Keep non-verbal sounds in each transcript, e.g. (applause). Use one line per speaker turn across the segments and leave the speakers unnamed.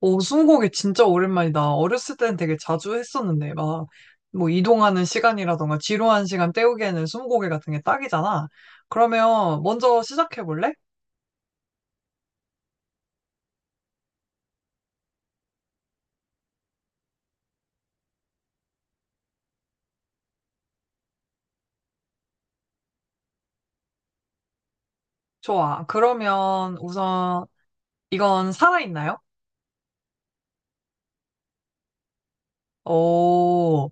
오, 스무고개 진짜 오랜만이다. 어렸을 땐 되게 자주 했었는데, 이동하는 시간이라던가, 지루한 시간 때우기에는 스무고개 같은 게 딱이잖아. 그러면 먼저 시작해볼래? 좋아. 그러면 우선, 이건 살아있나요? 오,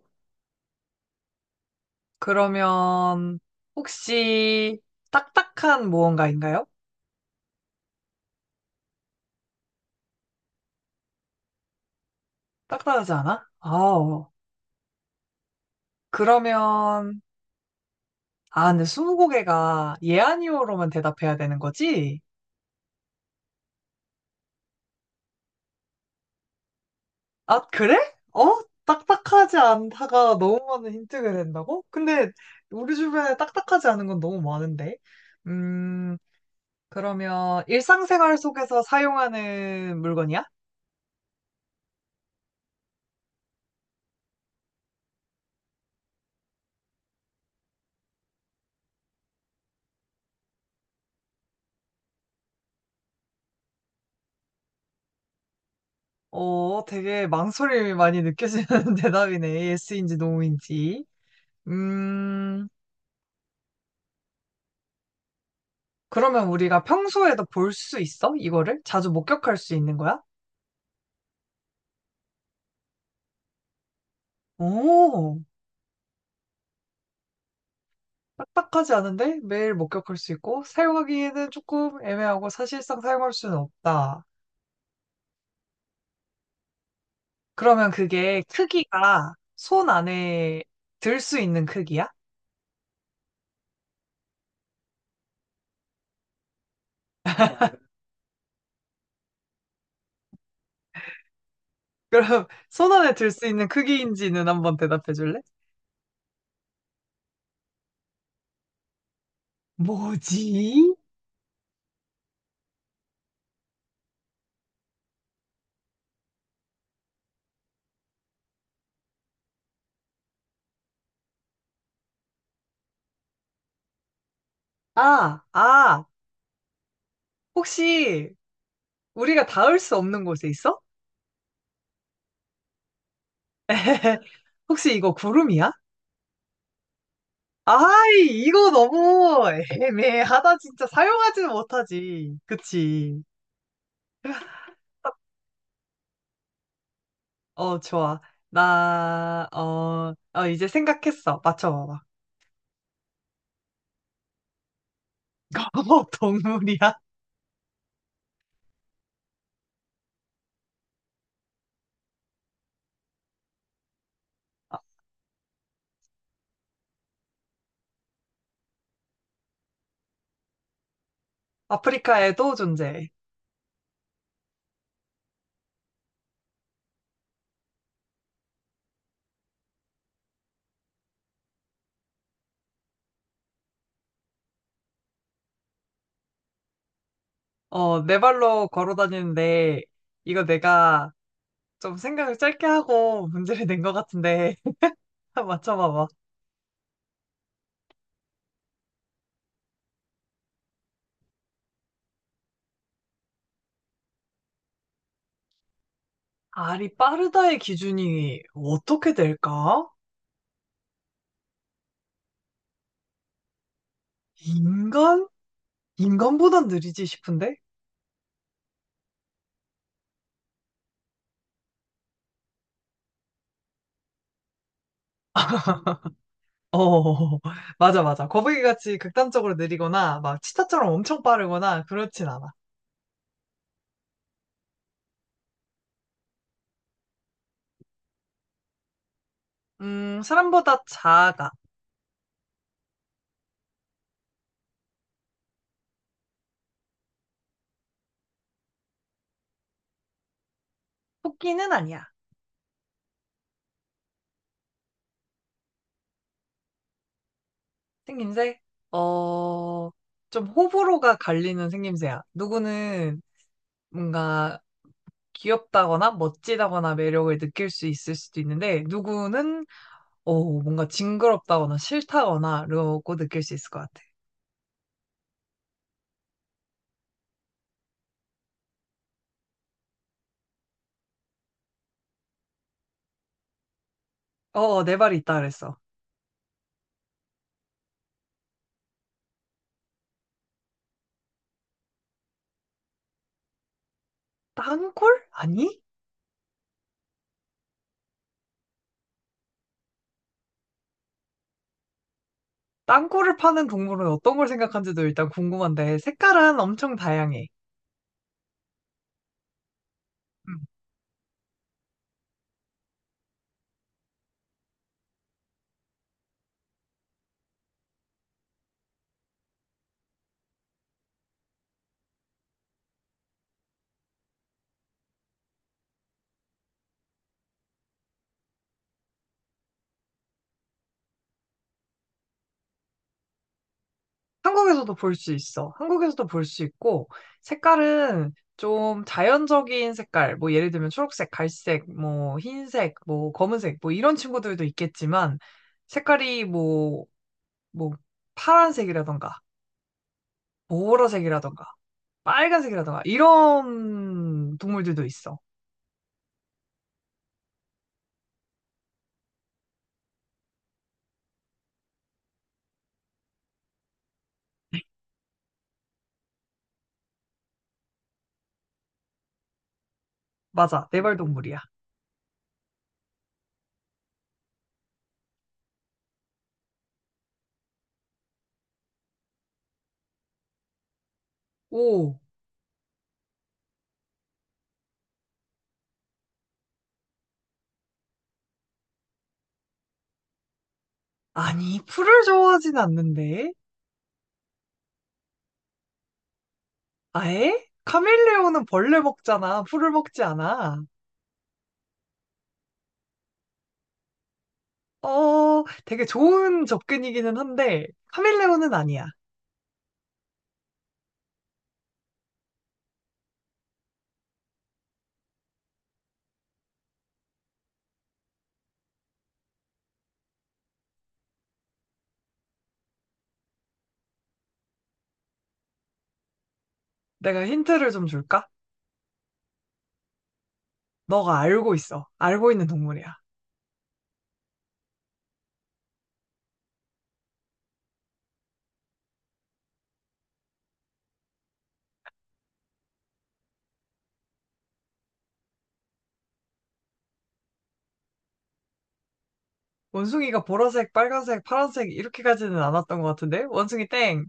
그러면 혹시 딱딱한 무언가인가요? 딱딱하지 않아? 아우. 그러면, 아, 근데 스무고개가 예, 아니오로만 대답해야 되는 거지? 아, 그래? 어? 딱딱하지 않다가 너무 많은 힌트가 된다고? 근데 우리 주변에 딱딱하지 않은 건 너무 많은데. 음, 그러면 일상생활 속에서 사용하는 물건이야? 어, 되게 망설임이 많이 느껴지는 (laughs) 대답이네. 예스인지 노인지. 음, 그러면 우리가 평소에도 볼 수 있어? 이거를? 자주 목격할 수 있는 거야? 오. 딱딱하지 않은데 매일 목격할 수 있고 사용하기에는 조금 애매하고 사실상 사용할 수는 없다. 그러면 그게 크기가 손 안에 들 수 있는 크기야? 그럼 (laughs) 손 안에 들 수 있는 크기인지는 한번 대답해 줄래? 뭐지? 아, 아, 혹시 우리가 닿을 수 없는 곳에 있어? (laughs) 혹시 이거 구름이야? 아이, 이거 너무 애매하다, 진짜. 사용하지는 못하지. 그치? 어, 좋아. 이제 생각했어. 맞춰봐봐. (laughs) 어, 동물이야? 아, 아프리카에도 존재해. 어, 네 발로 걸어 다니는데, 이거 내가 좀 생각을 짧게 하고 문제를 낸 것 같은데, (laughs) 맞춰봐봐. 알이 빠르다의 기준이 어떻게 될까? 인간? 인간보단 느리지 싶은데? 어, (laughs) 맞아, 맞아. 거북이같이 극단적으로 느리거나, 막 치타처럼 엄청 빠르거나, 그렇진 않아. 사람보다 작아. 토끼는 아니야. 생김새? 어, 좀 호불호가 갈리는 생김새야. 누구는 뭔가 귀엽다거나 멋지다거나 매력을 느낄 수 있을 수도 있는데, 누구는 어, 뭔가 징그럽다거나 싫다거나 라고 느낄 수 있을 것 같아. 내 발이 있다 그랬어. 땅굴? 아니? 땅굴을 파는 동물은 어떤 걸 생각한지도 일단 궁금한데, 색깔은 엄청 다양해. 음. 한국에서도 볼 수 있어. 한국에서도 볼 수 있고, 색깔은 좀 자연적인 색깔, 뭐 예를 들면 초록색, 갈색, 뭐 흰색, 뭐 검은색, 뭐 이런 친구들도 있겠지만, 색깔이 뭐, 파란색이라던가, 보라색이라던가, 빨간색이라던가, 이런 동물들도 있어. 맞아, 네발동물이야. 오, 아니, 풀을 좋아하진 않는데? 아예? 카멜레온은 벌레 먹잖아. 풀을 먹지 않아. 어, 되게 좋은 접근이기는 한데, 카멜레온은 아니야. 내가 힌트를 좀 줄까? 너가 알고 있어. 알고 있는 동물이야. 원숭이가 보라색, 빨간색, 파란색 이렇게 가지는 않았던 것 같은데? 원숭이 땡.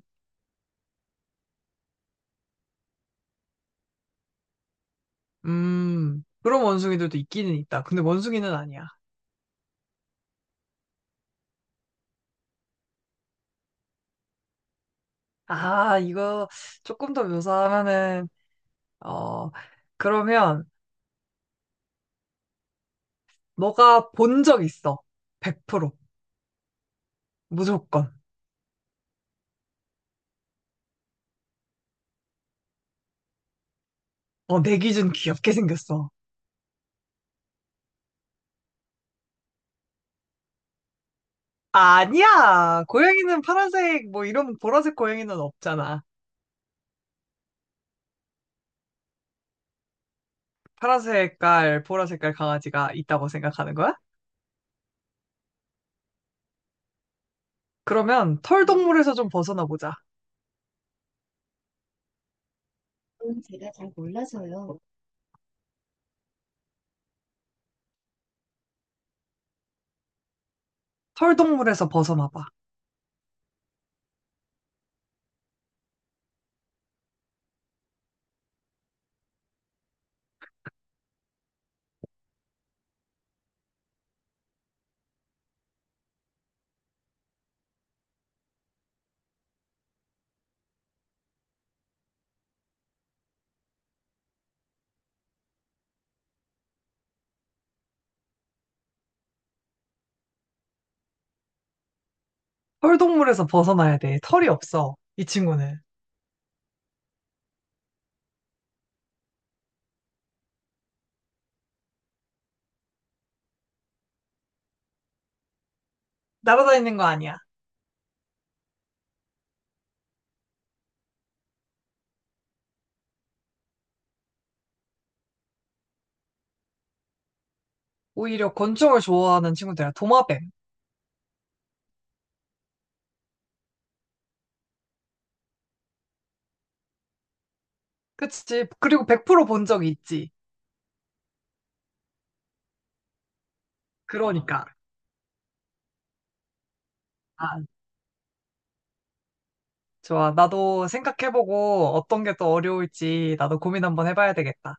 그런 원숭이들도 있기는 있다. 근데 원숭이는 아니야. 아, 이거 조금 더 묘사하면은, 어, 그러면 너가 본 적 있어. 100%. 무조건. 어, 내 기준 귀엽게 생겼어. 아니야. 고양이는 파란색, 뭐 이런 보라색 고양이는 없잖아. 파란색 깔, 보라색 깔 강아지가 있다고 생각하는 거야? 그러면 털동물에서 좀 벗어나 보자. 털동물에서 벗어나봐. 털동물에서 벗어나야 돼. 털이 없어. 이 친구는. 날아다니는 거 아니야. 오히려 곤충을 좋아하는 친구들이야. 도마뱀. 그치? 그리고 100% 본 적이 있지. 아, 그러니까. 아, 좋아. 나도 생각해보고 어떤 게 또 어려울지 나도 고민 한번 해봐야 되겠다.